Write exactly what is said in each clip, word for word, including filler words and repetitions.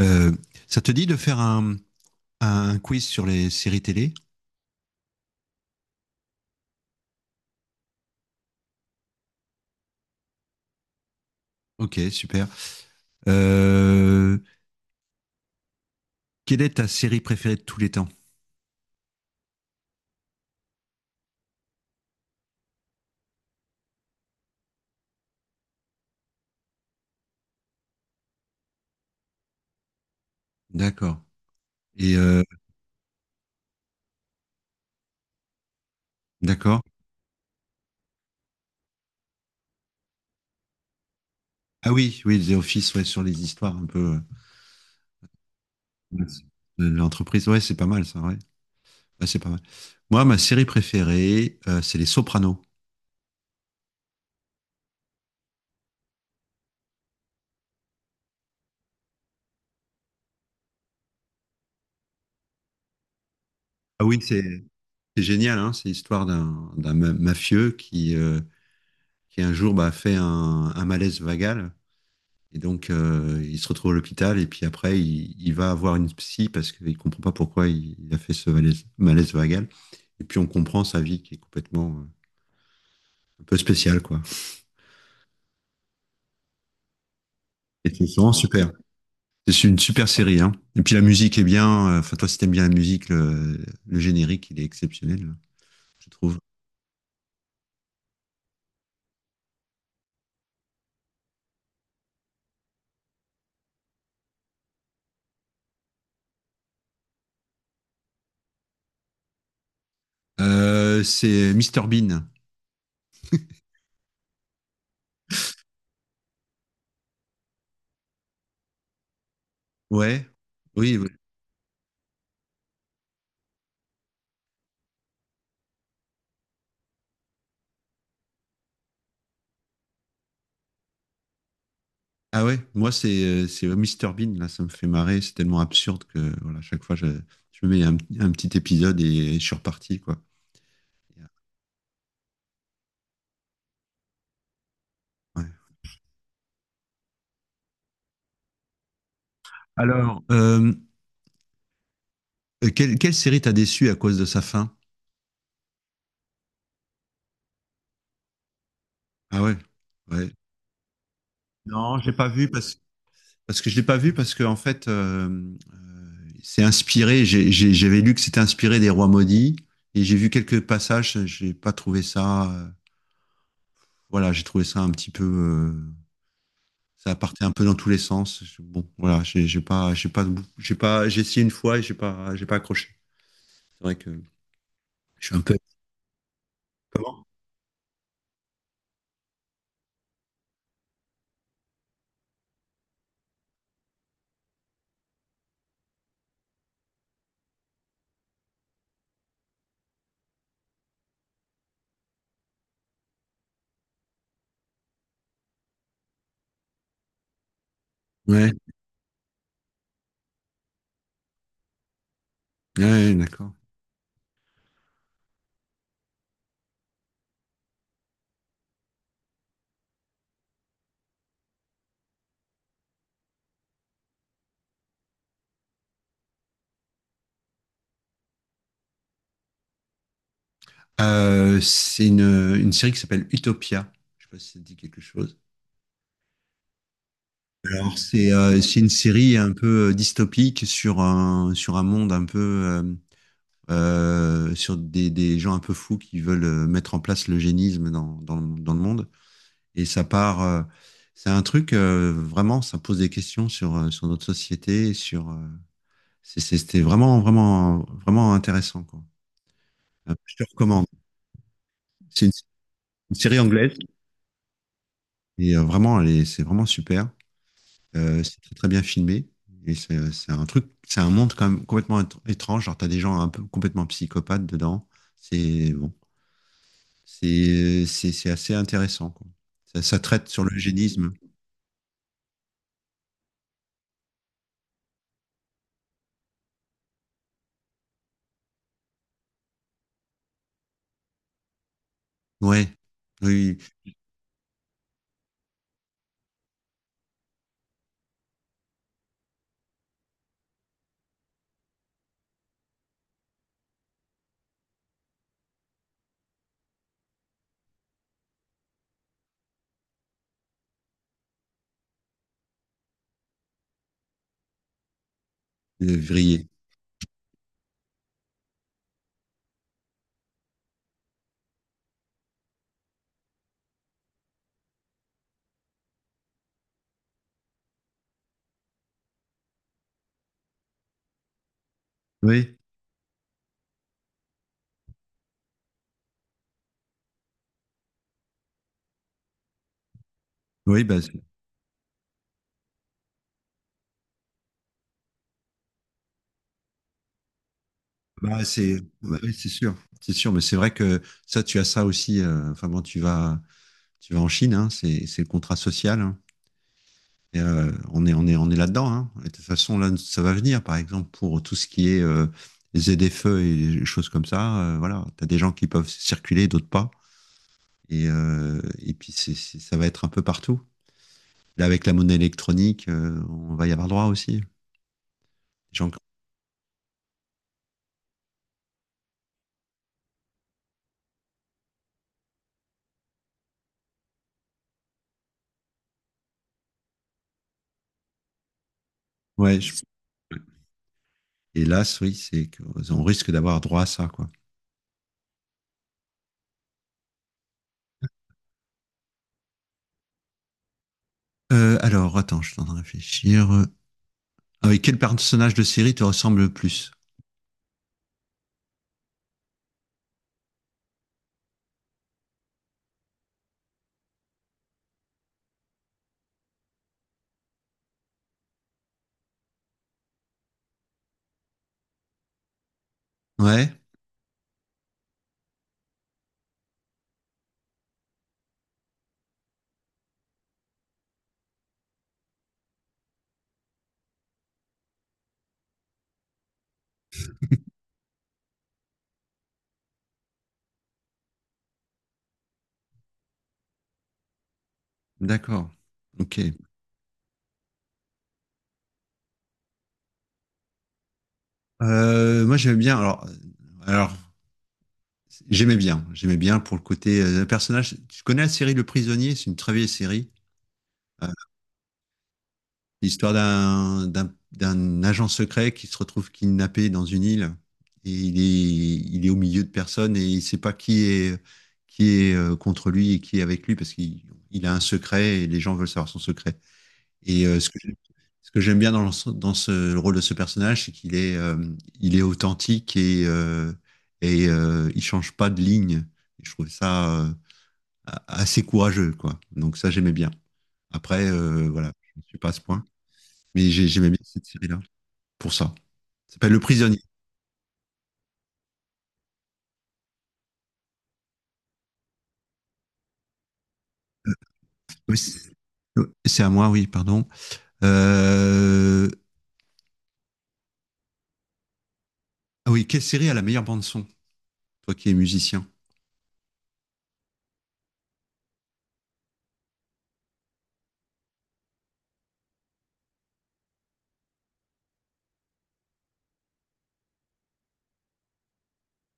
Euh, Ça te dit de faire un, un quiz sur les séries télé? Ok, super. Euh, Quelle est ta série préférée de tous les temps? D'accord. Et euh, d'accord. Ah oui, oui, The Office, ouais, sur les histoires un peu euh, de l'entreprise. Ouais, c'est pas mal ça, ouais. Ouais, c'est pas mal. Moi, ma série préférée, euh, c'est Les Sopranos. Ah oui, c'est c'est génial, hein, c'est l'histoire d'un d'un ma- mafieux qui, euh, qui un jour bah, fait un, un malaise vagal. Et donc, euh, il se retrouve à l'hôpital et puis après, il, il va avoir une psy parce qu'il ne comprend pas pourquoi il, il a fait ce malaise, malaise vagal. Et puis, on comprend sa vie qui est complètement euh, un peu spéciale, quoi. Et c'est vraiment super. C'est une super série, hein. Et puis, la musique est bien. euh, Enfin, toi, si t'aimes bien la musique, le, le générique, il est exceptionnel, je trouve. Euh, c'est Mister Bean. Ouais. Oui, oui. Ah ouais, moi c'est euh, c'est Mister Bean là, ça me fait marrer, c'est tellement absurde que voilà, chaque fois je, je mets un, un petit épisode et, je suis reparti quoi. Ouais. Alors, euh, quelle, quelle série t'a déçu à cause de sa fin? Ah ouais, ouais. Non, j'ai pas vu parce parce que je l'ai pas vu parce que en fait euh, euh, c'est inspiré, j'ai- j'ai- j'avais lu que c'était inspiré des Rois maudits, et j'ai vu quelques passages, j'ai pas trouvé ça euh, voilà, j'ai trouvé ça un petit peu euh, ça partait un peu dans tous les sens. Je- Bon, voilà, j'ai j'ai pas, j'ai pas, j'ai pas, j'ai essayé une fois et j'ai pas, j'ai pas accroché. C'est vrai que je suis un peu. Comment? Ouais, ouais, d'accord. Euh, c'est une, une série qui s'appelle Utopia. Je sais pas si ça te dit quelque chose. Alors, c'est euh, c'est une série un peu euh, dystopique sur un, sur un monde un peu, euh, euh, sur des, des gens un peu fous qui veulent euh, mettre en place l'eugénisme dans, dans, dans le monde. Et ça part. Euh, c'est un truc, euh, vraiment, ça pose des questions sur, euh, sur notre société. Sur, euh, c'est- c'est- c'était vraiment, vraiment, vraiment intéressant, quoi. Euh, Je te recommande. C'est une, une série anglaise. Et euh, vraiment, elle est- c'est vraiment super. Euh, c'est très, très bien filmé. Et c'est c'est un truc, c'est un monde quand même complètement étr- étrange. Genre, t'as des gens un peu complètement psychopathes dedans. C'est bon, c'est c'est c'est assez intéressant, quoi. Ça, ça traite sur l'eugénisme. Ouais, oui, oui, euh, Vrillé. Oui, oui, bah, Bah, c'est bah oui, c'est sûr, c'est sûr, mais c'est vrai que ça, tu as ça aussi. Euh, enfin, quand tu vas, tu vas en Chine, hein, c'est c'est le contrat social, hein. Et, euh, on est, on est, on est là-dedans, hein. Et de toute façon, là, ça va venir. Par exemple, pour tout ce qui est euh, les feux et les choses comme ça, euh, voilà, tu as des gens qui peuvent circuler, d'autres pas. Et, euh, et puis, c'est, c'est- ça va être un peu partout. Là, avec la monnaie électronique, euh, on va y avoir droit aussi. Les gens... Ouais, je- hélas, oui, c'est qu'on risque d'avoir droit à ça, quoi. Euh, alors, attends, je suis en train de réfléchir. Ah oui, quel personnage de série te ressemble le plus? Ouais, d'accord. Ok. Euh, moi, j'aimais bien. Alors, alors, j'aimais bien. J'aimais bien pour le côté euh, personnage. Tu connais la série Le Prisonnier? C'est une très vieille série. Euh, L'histoire d'un d'un d'un agent secret qui se retrouve kidnappé dans une île, et il est il est au milieu de personnes et il sait pas qui est qui est euh, contre lui et qui est avec lui parce qu'il il a un secret et les gens veulent savoir son secret. Et euh, ce que j'aime- ce que j'aime bien dans, le- dans ce, le rôle de ce personnage, c'est qu'il est, euh, il est authentique et, euh, et euh, il change pas de ligne. Et je trouve ça euh, a- assez courageux, quoi. Donc ça, j'aimais bien. Après, euh, voilà, je ne suis pas à ce point, mais j'ai- j'aimais bien cette série-là pour ça. Ça s'appelle Le Prisonnier. Oui, C'est c'est à moi, oui, pardon. Euh, Ah oui, quelle série a la meilleure bande son, toi qui es musicien?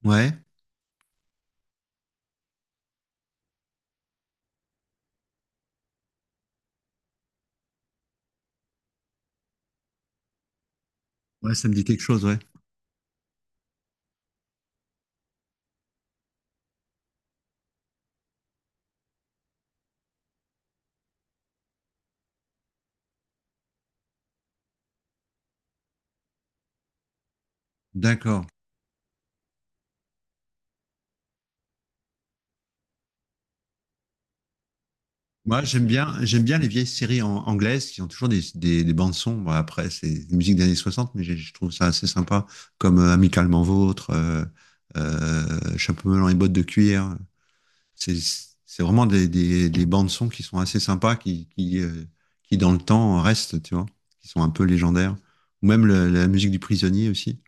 Ouais, ouais, ça me dit quelque chose, ouais. D'accord. Moi, j'aime bien, j'aime bien les vieilles séries an- anglaises qui ont toujours des, des, des bandes son. Bon, après, c'est des musiques des années soixante, mais j'ai- je trouve ça assez sympa, comme euh, Amicalement Vôtre, euh, euh, Chapeau melon et bottes de cuir. C'est, c'est vraiment des, des, des bandes son qui sont assez sympas, qui, qui, euh, qui dans le temps restent, tu vois, qui sont un peu légendaires. Ou même le- la musique du prisonnier aussi.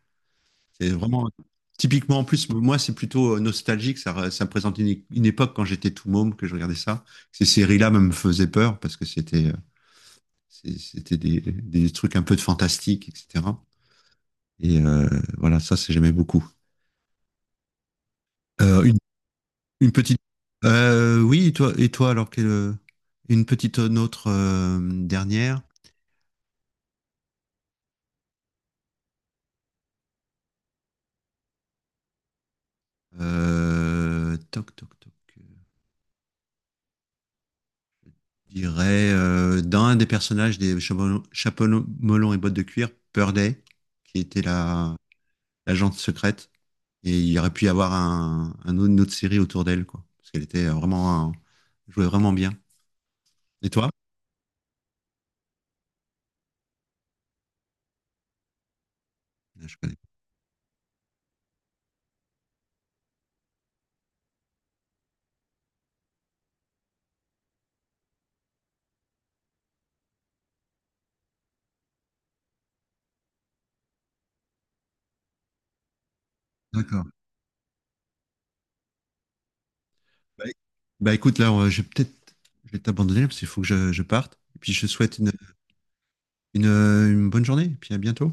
C'est vraiment typiquement en plus, moi c'est plutôt euh, nostalgique, ça, re- ça me présente une, é- une époque quand j'étais tout môme que je regardais ça. Ces séries-là me me faisaient peur parce que c'était euh, c'est- c'était des, des trucs un peu de fantastique, et cetera. Et euh, voilà, ça c'est j'aimais beaucoup. Euh, une, une petite. Euh, oui, et toi, et toi alors quelle- euh, une petite euh, autre euh, dernière. Euh, toc toc toc. Je dirais euh, dans un des personnages des Chapeau Chapeau melon et bottes de cuir, Purday, qui était la l'agente secrète. Et il aurait pu y avoir un, un autre- une autre série autour d'elle, quoi. Parce qu'elle était euh, vraiment, un- jouait vraiment bien. Et toi? Ah, je connais. Pas. D'accord. Bah, éc- Bah, écoute, là, on- je vais peut-être, je vais t'abandonner parce qu'il faut que je, je parte. Et puis je te souhaite une, une, une bonne journée. Et puis à bientôt.